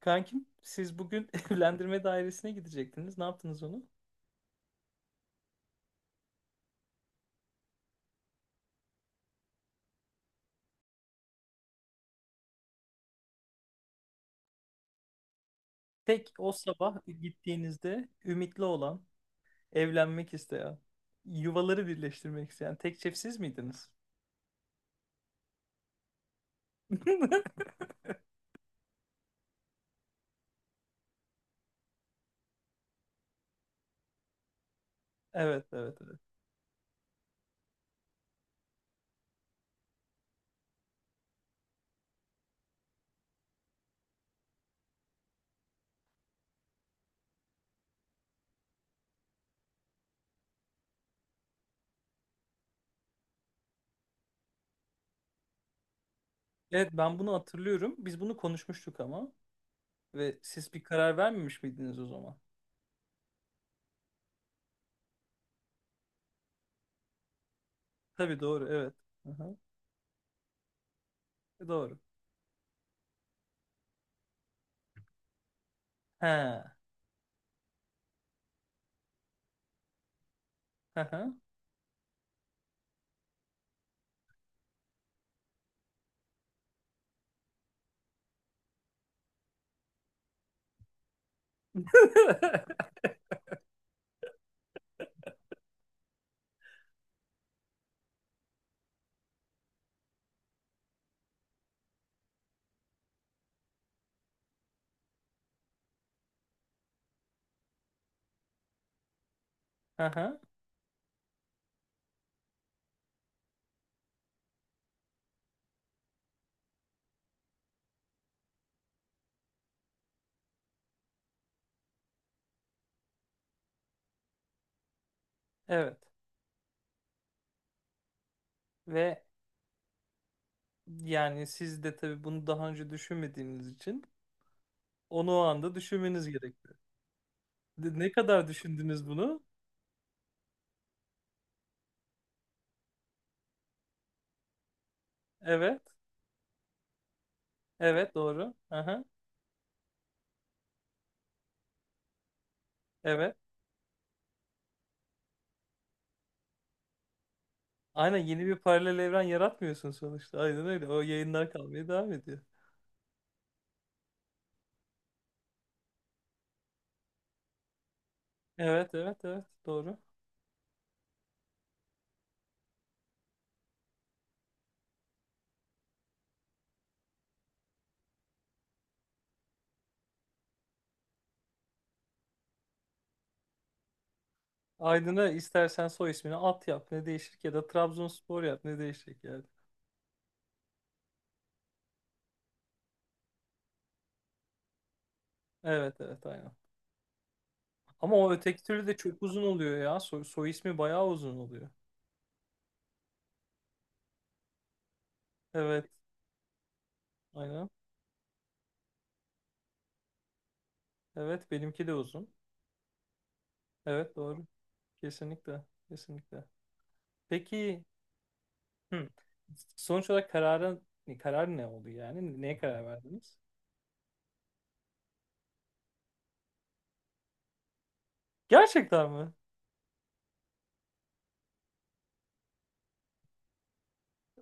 Kankim siz bugün evlendirme dairesine gidecektiniz. Ne yaptınız onu? Tek o sabah gittiğinizde ümitli olan, evlenmek isteyen, yuvaları birleştirmek isteyen tek çift siz miydiniz? Evet, evet, evet. Evet, ben bunu hatırlıyorum. Biz bunu konuşmuştuk ama ve siz bir karar vermemiş miydiniz o zaman? Tabii doğru, evet. Aha, doğru. He. Aha. Aha. Evet. Ve yani siz de tabii bunu daha önce düşünmediğiniz için onu o anda düşünmeniz gerekti. Ne kadar düşündünüz bunu? Evet. Evet doğru. Aha, evet. Aynen, yeni bir paralel evren yaratmıyorsun sonuçta. Aynen öyle. O yayınlar kalmaya devam ediyor. Evet evet evet doğru. Aydın'a istersen soy ismini at yap, ne değişir ki? Ya da Trabzonspor yap, ne değişecek yani. Evet evet aynen. Ama o öteki türlü de çok uzun oluyor ya. Soy ismi bayağı uzun oluyor. Evet aynen. Evet benimki de uzun. Evet doğru. Kesinlikle. Kesinlikle. Peki. Hı. Sonuç olarak karar ne oldu yani? Neye karar verdiniz? Gerçekten mi?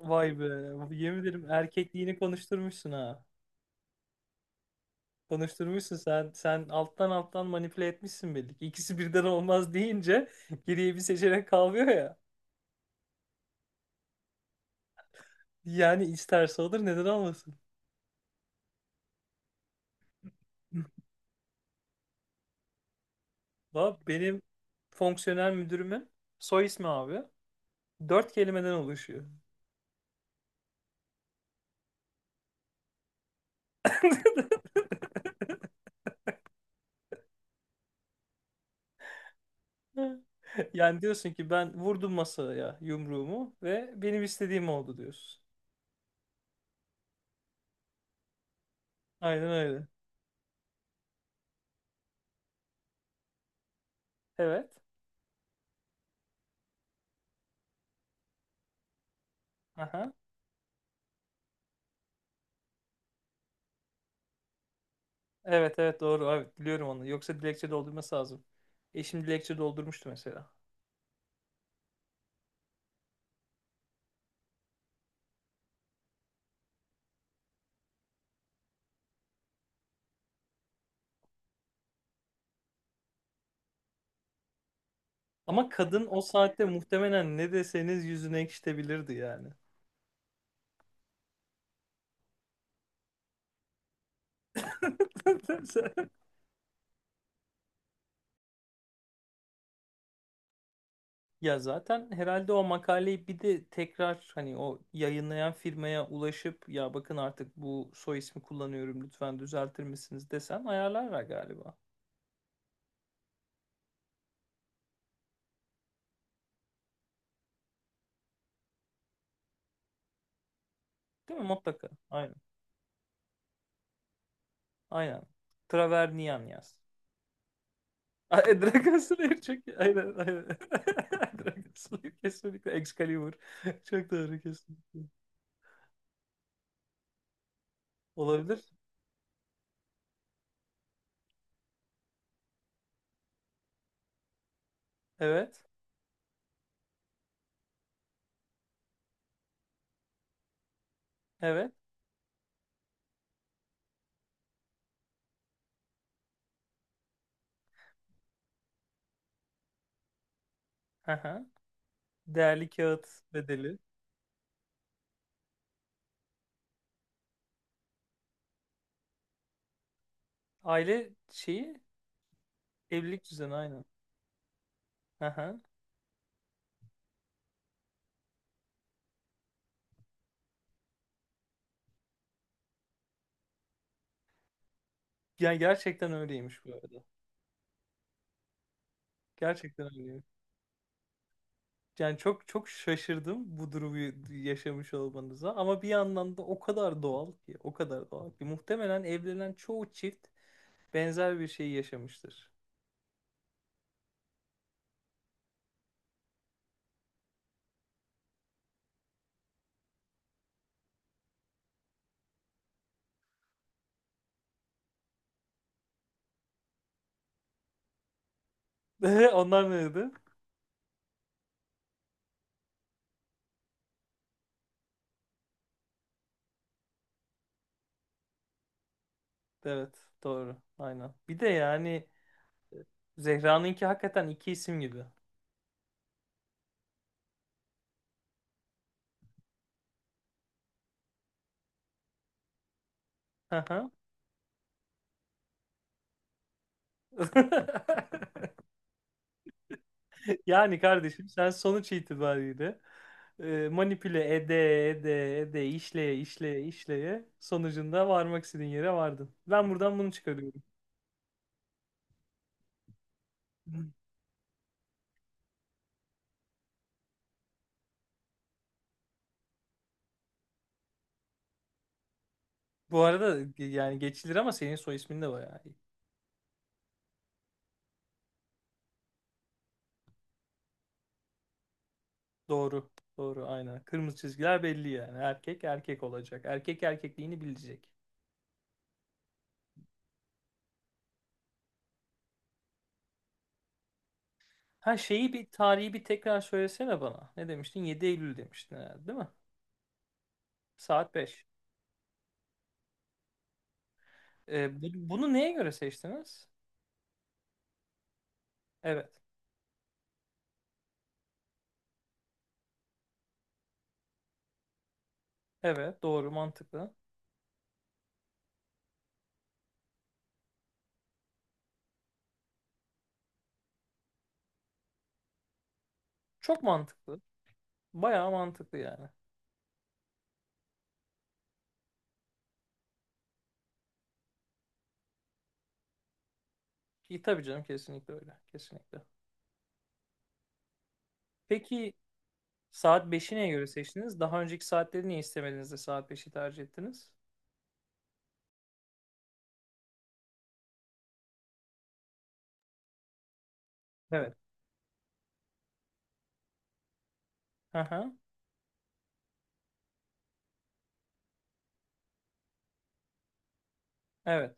Vay be. Yemin ederim erkekliğini konuşturmuşsun ha. Konuşturmuşsun sen. Sen alttan alttan manipüle etmişsin belli ki. İkisi birden olmaz deyince geriye bir seçenek kalmıyor ya. Yani isterse olur, neden olmasın? Va benim fonksiyonel müdürümün soy ismi abi. Dört kelimeden oluşuyor. Yani diyorsun ki ben vurdum masaya yumruğumu ve benim istediğim oldu diyorsun. Aynen öyle. Evet. Aha. Evet evet doğru evet biliyorum onu. Yoksa dilekçe doldurması lazım. Eşim dilekçe doldurmuştu mesela. Ama kadın o saatte muhtemelen ne deseniz yüzüne ekşitebilirdi yani. Ya zaten herhalde o makaleyi bir de tekrar hani o yayınlayan firmaya ulaşıp, ya bakın, artık bu soy ismi kullanıyorum, lütfen düzeltir misiniz desem ayarlarlar galiba. Değil mi? Mutlaka. Aynen. Aynen. Travernian yaz. Ay, Dragon Slayer çok. Aynen aynen. Dragon Slayer kesinlikle. Excalibur. Çok doğru, kesinlikle. Olabilir. Evet. Evet. Aha. Değerli kağıt bedeli. Aile şeyi, evlilik düzeni aynen. Aha. Yani gerçekten öyleymiş bu arada. Gerçekten öyleymiş. Yani çok çok şaşırdım bu durumu yaşamış olmanıza, ama bir yandan da o kadar doğal ki, o kadar doğal ki muhtemelen evlenen çoğu çift benzer bir şey yaşamıştır. Onlar neydi? Evet, doğru. Aynen. Bir de yani Zehra'nınki hakikaten iki isim gibi. Hı hı. Yani kardeşim sen sonuç itibariyle manipüle ede ede ede işleye işleye işleye sonucunda varmak istediğin yere vardın. Ben buradan bunu çıkarıyorum. Bu arada yani geçilir ama senin soy ismin de bayağı iyi. Doğru. Doğru aynen. Kırmızı çizgiler belli yani. Erkek erkek olacak. Erkek erkekliğini bilecek. Ha, şeyi bir tarihi bir tekrar söylesene bana. Ne demiştin? 7 Eylül demiştin herhalde, değil mi? Saat 5. Bunu neye göre seçtiniz? Evet. Evet, doğru, mantıklı. Çok mantıklı. Bayağı mantıklı yani. İyi tabii canım, kesinlikle öyle. Kesinlikle. Peki saat 5'i neye göre seçtiniz? Daha önceki saatleri niye istemediniz de saat 5'i tercih ettiniz? Evet. Aha. Evet.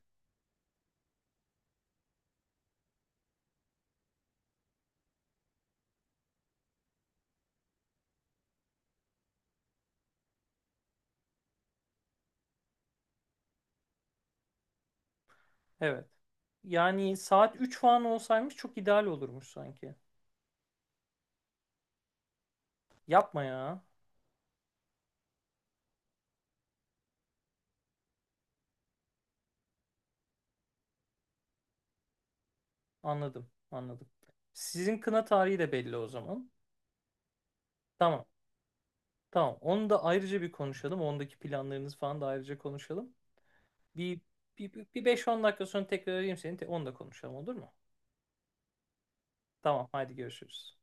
Evet. Yani saat 3 falan olsaymış çok ideal olurmuş sanki. Yapma ya. Anladım, anladım. Sizin kına tarihi de belli o zaman. Tamam, tamam. Onu da ayrıca bir konuşalım. Ondaki planlarınız falan da ayrıca konuşalım. Bir, bir beş on dakika sonra tekrar arayayım seni. Onu da konuşalım, olur mu? Tamam, haydi görüşürüz.